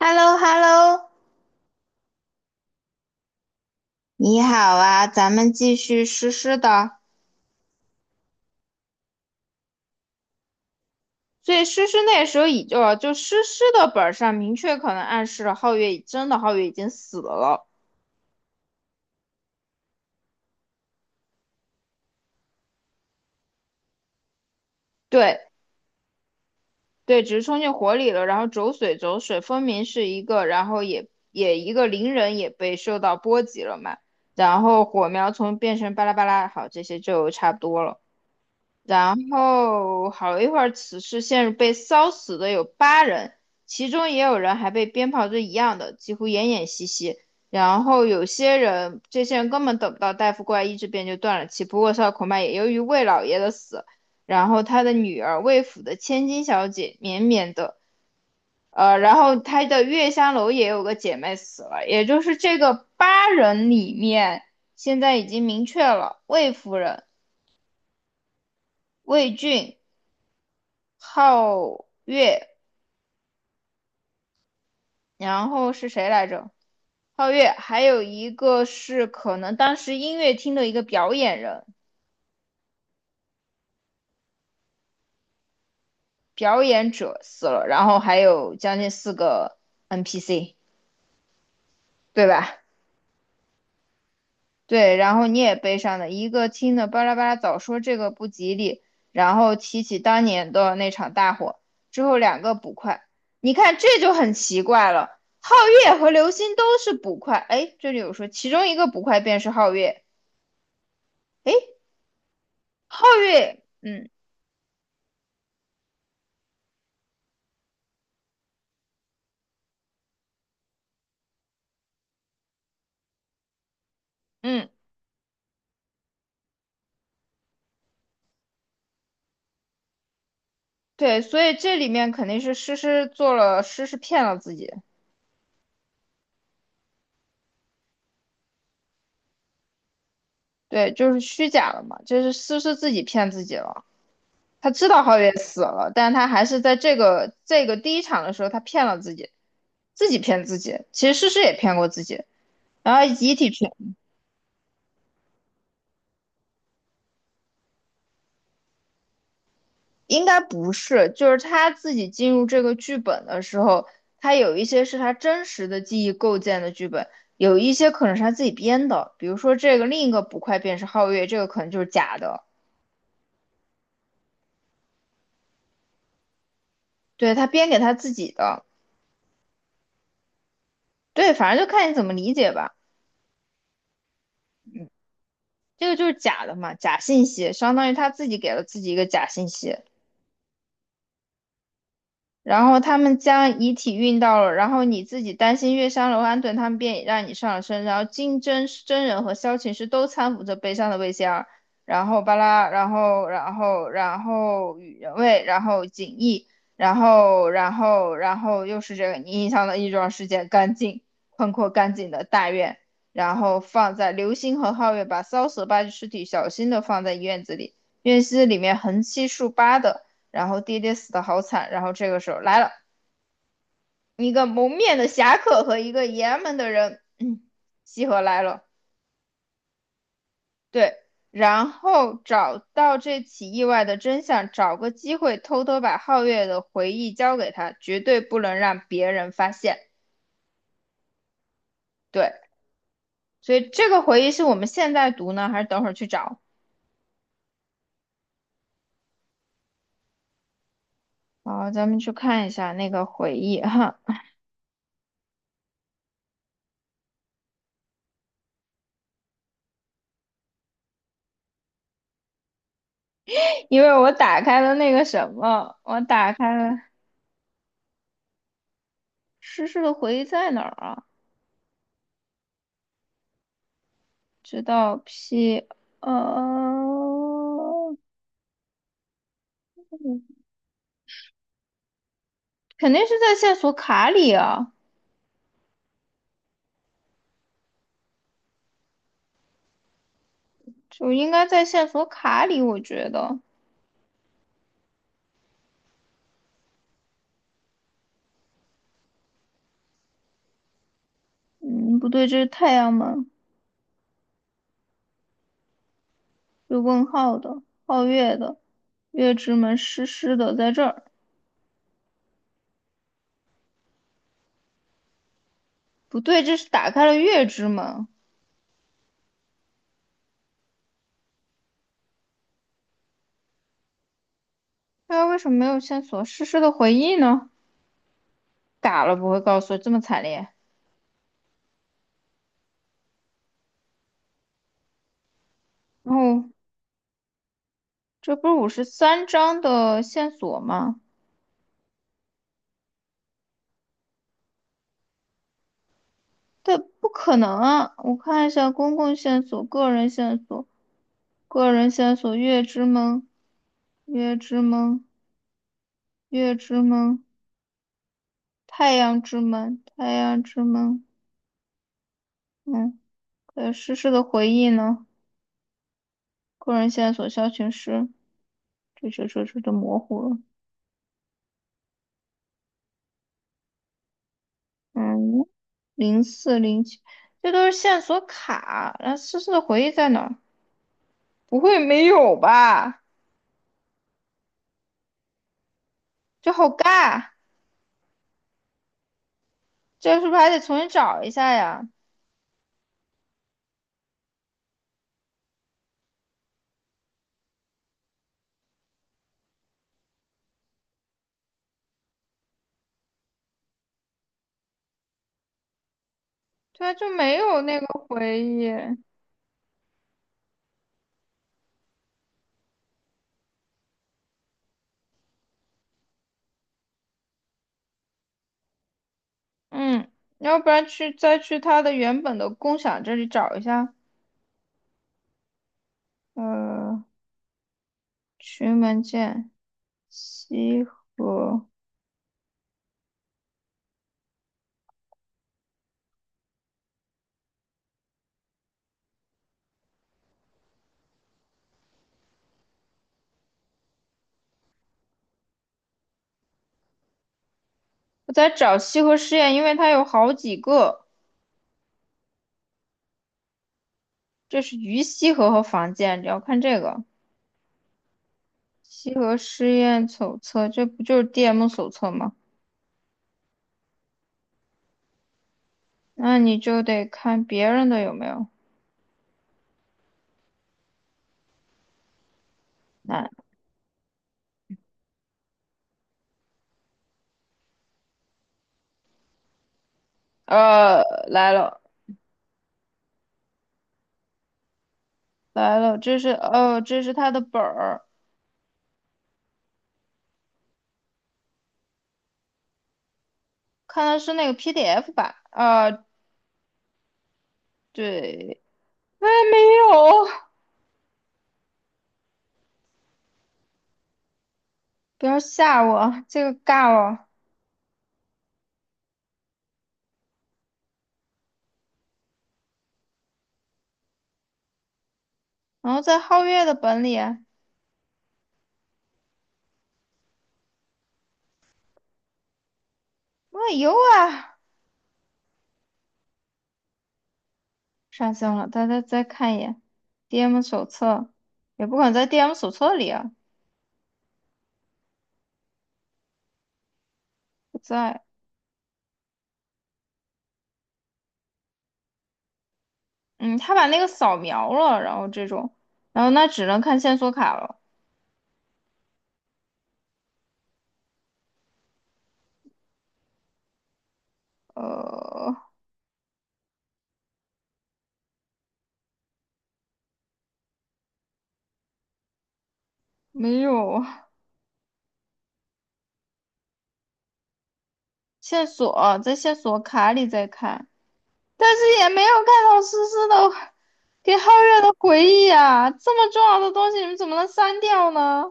h e l l o h e l l o 你好啊，咱们继续诗诗的。所以诗诗那时候已就诗诗的本上明确可能暗示了皓月已真的皓月已经死了，对对，只是冲进火里了。然后走水走水，分明是一个，然后也一个灵人也被受到波及了嘛。然后火苗从变成巴拉巴拉，好，这些就差不多了。然后好一会儿，此事陷入被烧死的有八人，其中也有人还被鞭炮是一样的，几乎奄奄息息。然后有些人，这些人根本等不到大夫过来医治，便就断了气。不过，烧恐怕也由于魏老爷的死，然后他的女儿魏府的千金小姐绵绵的，然后他的月香楼也有个姐妹死了，也就是这个八人里面，现在已经明确了魏夫人、魏俊。皓月，然后是谁来着？皓月，还有一个是可能当时音乐厅的一个表演人、表演者死了，然后还有将近四个 NPC，对吧？对，然后你也悲伤的，一个听的巴拉巴拉早说这个不吉利，然后提起当年的那场大火，之后两个捕快，你看这就很奇怪了，皓月和流星都是捕快，哎，这里有说其中一个捕快便是皓月。皓月，嗯嗯，对，所以这里面肯定是诗诗做了，诗诗骗了自己，对，就是虚假了嘛，就是诗诗自己骗自己了。他知道皓月死了，但他还是在这个第一场的时候，他骗了自己，自己骗自己。其实诗诗也骗过自己，然后遗体全应该不是，就是他自己进入这个剧本的时候，他有一些是他真实的记忆构建的剧本，有一些可能是他自己编的，比如说这个另一个捕快便是皓月，这个可能就是假的，对，他编给他自己的，对，反正就看你怎么理解吧。这个就是假的嘛，假信息，相当于他自己给了自己一个假信息。然后他们将遗体运到了，然后你自己担心月伤楼安顿，他们便已让你上了身。然后金针真人和萧琴师都搀扶着悲伤的魏仙儿，然后巴拉，然后宇仁卫，然后景逸，然后又是这个你印象的一桩事件，干净宽阔干净的大院，然后放在流星和皓月把骚的八具尸体小心的放在院子里，院子里面横七竖八的。然后爹爹死的好惨，然后这个时候来了一个蒙面的侠客和一个爷们的人，嗯，西河来了，对，然后找到这起意外的真相，找个机会偷偷把皓月的回忆交给他，绝对不能让别人发现，对，所以这个回忆是我们现在读呢，还是等会儿去找？好，咱们去看一下那个回忆哈，因为我打开了那个什么，我打开了诗诗的回忆在哪儿啊？知道 P，呃，嗯肯定是在线索卡里啊，就应该在线索卡里，我觉得。嗯，不对，这是太阳门，有问号的，皓月的，月之门湿湿的，在这儿。不对，这是打开了月之门。那为什么没有线索？诗诗的回忆呢？打了不会告诉我这么惨烈。然后这不是53章的线索吗？对，不可能啊！我看一下公共线索、个人线索、个人线索，月之门、月之门、月之门、太阳之门、太阳之门。嗯，还有诗诗的回忆呢？个人线索消群诗，这都模糊了。嗯，0407，这都是线索卡。那诗诗的回忆在哪儿？不会没有吧？这好尬，这是不是还得重新找一下呀？对啊，就没有那个回忆。嗯，要不然去再去他的原本的共享这里找一下。呃，群文件西河，我在找西河实验，因为它有好几个。这是于西河和房建，你要看这个西河实验手册，这不就是 DM 手册吗？那你就得看别人的有没有。来，呃，来了来了，这是哦，这是他的本儿。看的是那个 PDF 版啊，对，哎，没有，不要吓我，这个尬了。然后在皓月的本里，我有啊，上线了，大家再看一眼 DM 手册，也不可能在 DM 手册里啊，不在，嗯，他把那个扫描了，然后这种，然后那只能看线索卡了，呃，没有线索，在线索卡里再看。但是也没有看到思思的给皓月的回忆啊，这么重要的东西你们怎么能删掉呢？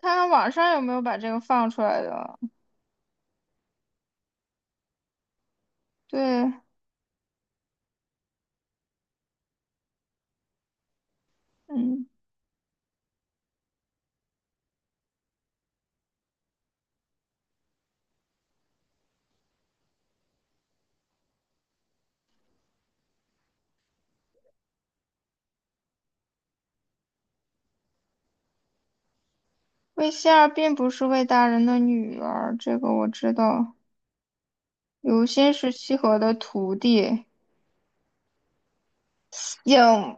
看看网上有没有把这个放出来的。对，嗯，魏仙儿并不是魏大人的女儿，这个我知道。刘欣是西河的徒弟。影，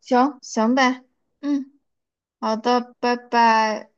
行行呗，嗯，好的，拜拜。